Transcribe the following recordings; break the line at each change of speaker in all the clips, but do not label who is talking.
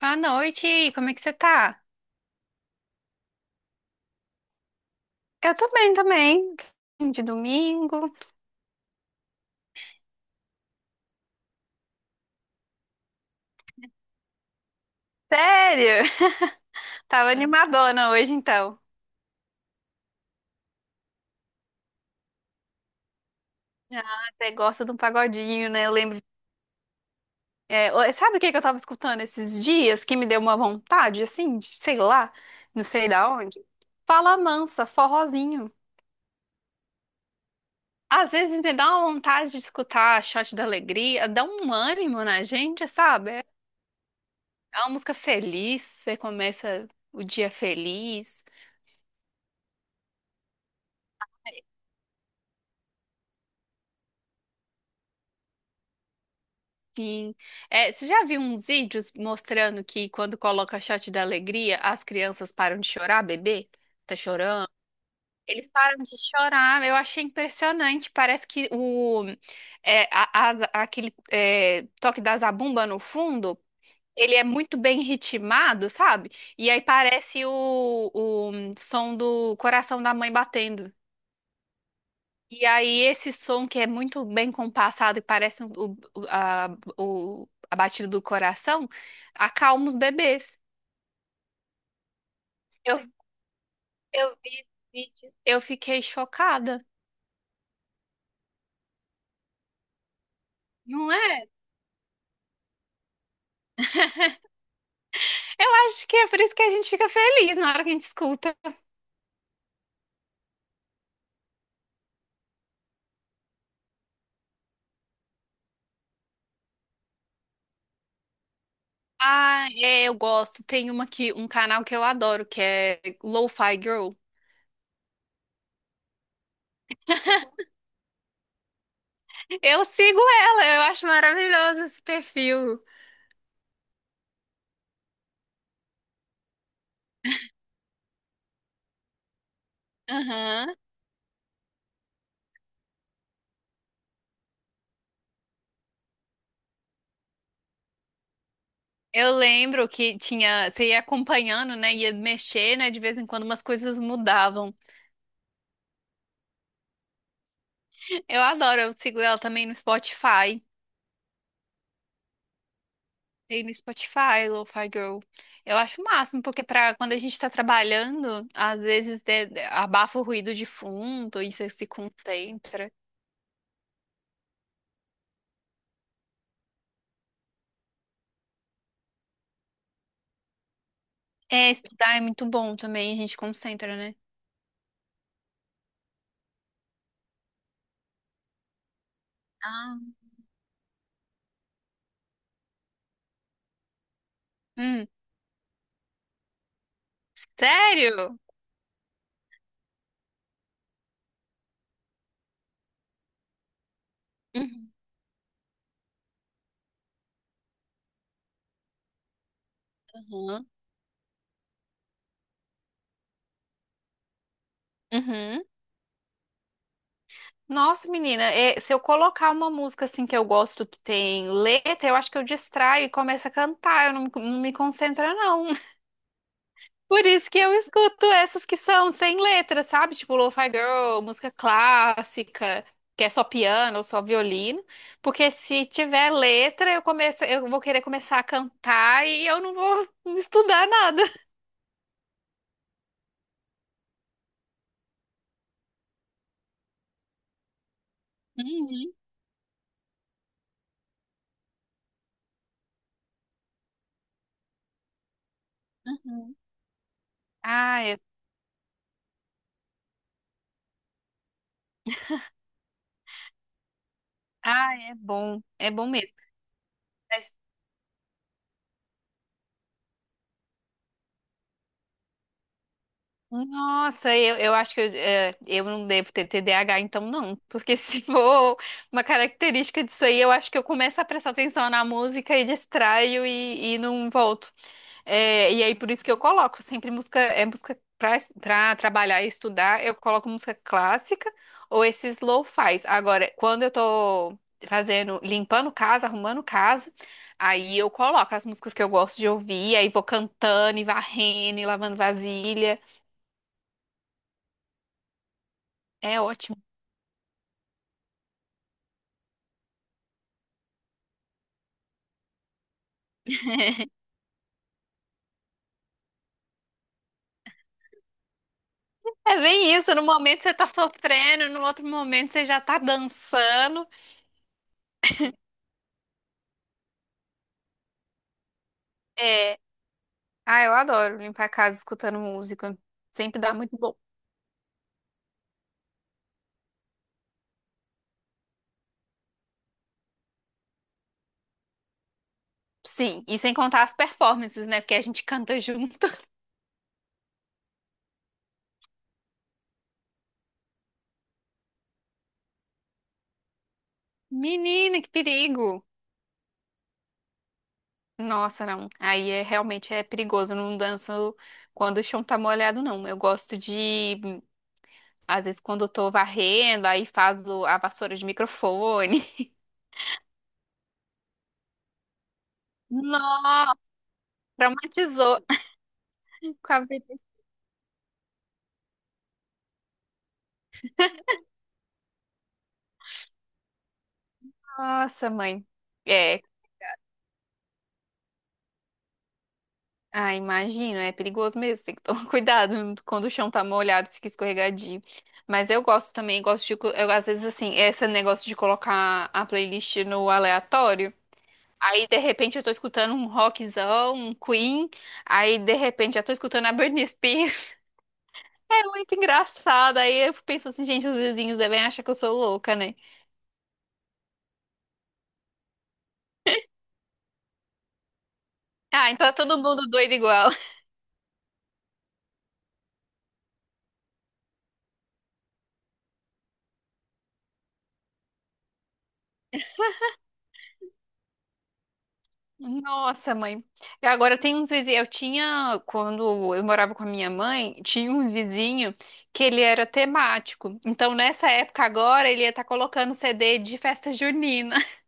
Boa noite, como é que você tá? Eu tô bem também, de domingo. Sério? Tava animadona hoje então. Ah, até gosta de um pagodinho, né? Eu lembro. Sabe o que que eu tava escutando esses dias que me deu uma vontade, assim, de, sei lá, não sei da onde? Fala mansa, forrozinho. Às vezes me dá uma vontade de escutar Shot da Alegria, dá um ânimo na gente, sabe? É uma música feliz, você começa o dia feliz. Sim. É, você já viu uns vídeos mostrando que quando coloca Shot da Alegria, as crianças param de chorar, bebê? Tá chorando? Eles param de chorar. Eu achei impressionante. Parece que o toque da zabumba no fundo, ele é muito bem ritmado, sabe? E aí parece o som do coração da mãe batendo. E aí, esse som que é muito bem compassado e parece a batida do coração, acalma os bebês. Eu, eu vi esse vídeo. Eu fiquei chocada, não é? Eu acho que é por isso que a gente fica feliz na hora que a gente escuta. Ah, é, eu gosto. Tem um canal que eu adoro, que é Lo-Fi Girl. Eu sigo ela, eu acho maravilhoso esse perfil. Aham. Eu lembro que tinha, você ia acompanhando, né? Ia mexer, né? De vez em quando umas coisas mudavam. Eu adoro, eu sigo ela também no Spotify. Tem no Spotify, Lo-Fi Girl. Eu acho o máximo, porque pra quando a gente tá trabalhando, às vezes abafa o ruído de fundo e você se concentra. É, estudar é muito bom também, a gente concentra, né? Ah, hum, sério? Uhum. Uhum. Uhum. Nossa, menina, se eu colocar uma música assim que eu gosto que tem letra, eu acho que eu distraio e começo a cantar, eu não, não me concentro, não. Por isso que eu escuto essas que são sem letra, sabe? Tipo Lo-Fi Girl, música clássica, que é só piano ou só violino. Porque se tiver letra, eu vou querer começar a cantar e eu não vou estudar nada. Uhum, uhum. Ah, é, ah, é bom. É bom mesmo. Nossa, eu acho que eu não devo ter T D A H, então não. Porque se for uma característica disso aí, eu acho que eu começo a prestar atenção na música e distraio e não volto. É, e aí, por isso que eu coloco sempre música, é música pra trabalhar e estudar, eu coloco música clássica ou esses lo-fis. Agora, quando eu tô limpando casa, arrumando casa, aí eu coloco as músicas que eu gosto de ouvir, aí vou cantando e varrendo e lavando vasilha. É ótimo. É bem isso, no momento você tá sofrendo, no outro momento você já tá dançando. É, ah, eu adoro limpar a casa escutando música. Sempre dá muito bom. Sim, e sem contar as performances, né? Porque a gente canta junto. Menina, que perigo! Nossa, não. Aí é realmente é perigoso. Eu não danço quando o chão tá molhado, não. Eu gosto de, às vezes, quando eu tô varrendo, aí faço a vassoura de microfone. Nossa, traumatizou. Nossa, mãe. É, ah, imagino, é perigoso mesmo, tem que tomar cuidado quando o chão tá molhado, fica escorregadio. Mas eu gosto também, gosto de, eu, às vezes assim, esse negócio de colocar a playlist no aleatório, aí de repente eu tô escutando um rockzão, um Queen, aí de repente já tô escutando a Britney Spears. É muito engraçado, aí eu penso assim, gente, os vizinhos devem achar que eu sou louca, né? Ah, então é todo mundo doido igual. Nossa, mãe. E agora tem uns vizinhos. Eu tinha, quando eu morava com a minha mãe, tinha um vizinho que ele era temático. Então, nessa época agora, ele ia estar colocando CD de festa junina.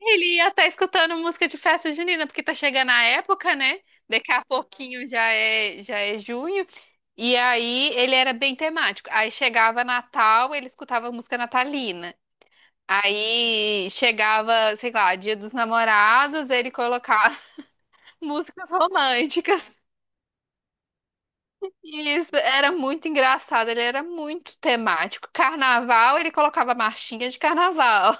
Ele ia estar escutando música de festa junina, porque tá chegando a época, né? Daqui a pouquinho já é junho. E aí ele era bem temático. Aí chegava Natal, ele escutava música natalina. Aí chegava, sei lá, Dia dos Namorados, ele colocava músicas românticas. Isso, era muito engraçado, ele era muito temático. Carnaval, ele colocava marchinha de carnaval.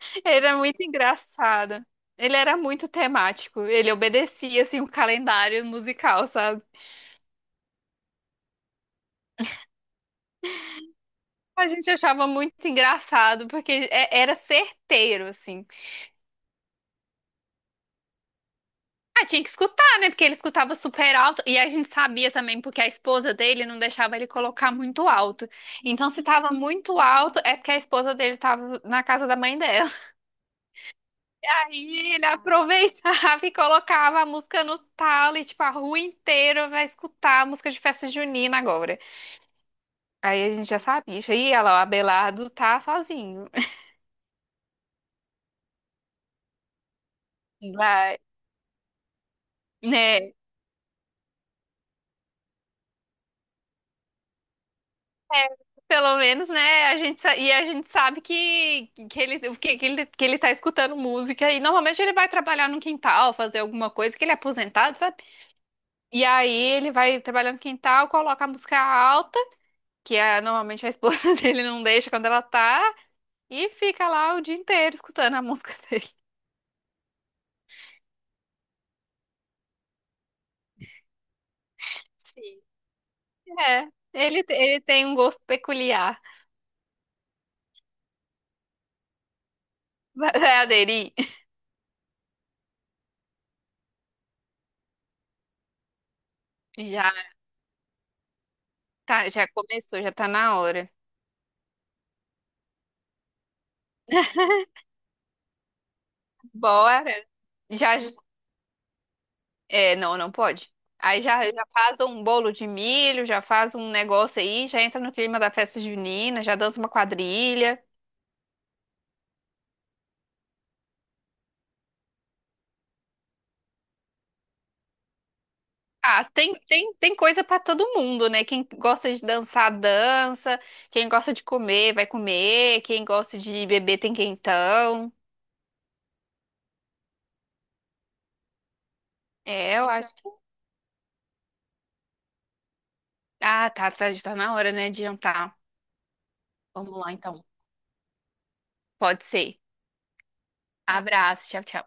Ele era muito engraçado. Ele era muito temático. Ele obedecia assim o calendário musical, sabe? A gente achava muito engraçado porque era certeiro assim. Ah, tinha que escutar, né? Porque ele escutava super alto. E a gente sabia também, porque a esposa dele não deixava ele colocar muito alto. Então, se tava muito alto, é porque a esposa dele tava na casa da mãe dela. Aí ele aproveitava e colocava a música no talo e, tipo, a rua inteira vai escutar a música de festa junina agora. Aí a gente já sabia. Ih, olha lá, o Abelardo tá sozinho. Vai. Né? Pelo menos, né? A gente sabe que ele tá escutando música. E normalmente ele vai trabalhar no quintal, fazer alguma coisa, que ele é aposentado, sabe? E aí ele vai trabalhar no quintal, coloca a música alta, que é, normalmente a esposa dele não deixa quando ela tá, e fica lá o dia inteiro escutando a música dele. Sim. É, ele tem um gosto peculiar. Vai aderir? Já, tá, já começou, já tá na hora. Bora! Já, é, não, não pode. Aí já faz um bolo de milho, já faz um negócio aí, já entra no clima da festa junina, já dança uma quadrilha. Ah, tem coisa pra todo mundo, né? Quem gosta de dançar, dança. Quem gosta de comer, vai comer. Quem gosta de beber, tem quentão. É, eu acho. Ah, tá, tá, já tá na hora, né, de jantar. Vamos lá, então. Pode ser. Abraço, tchau, tchau.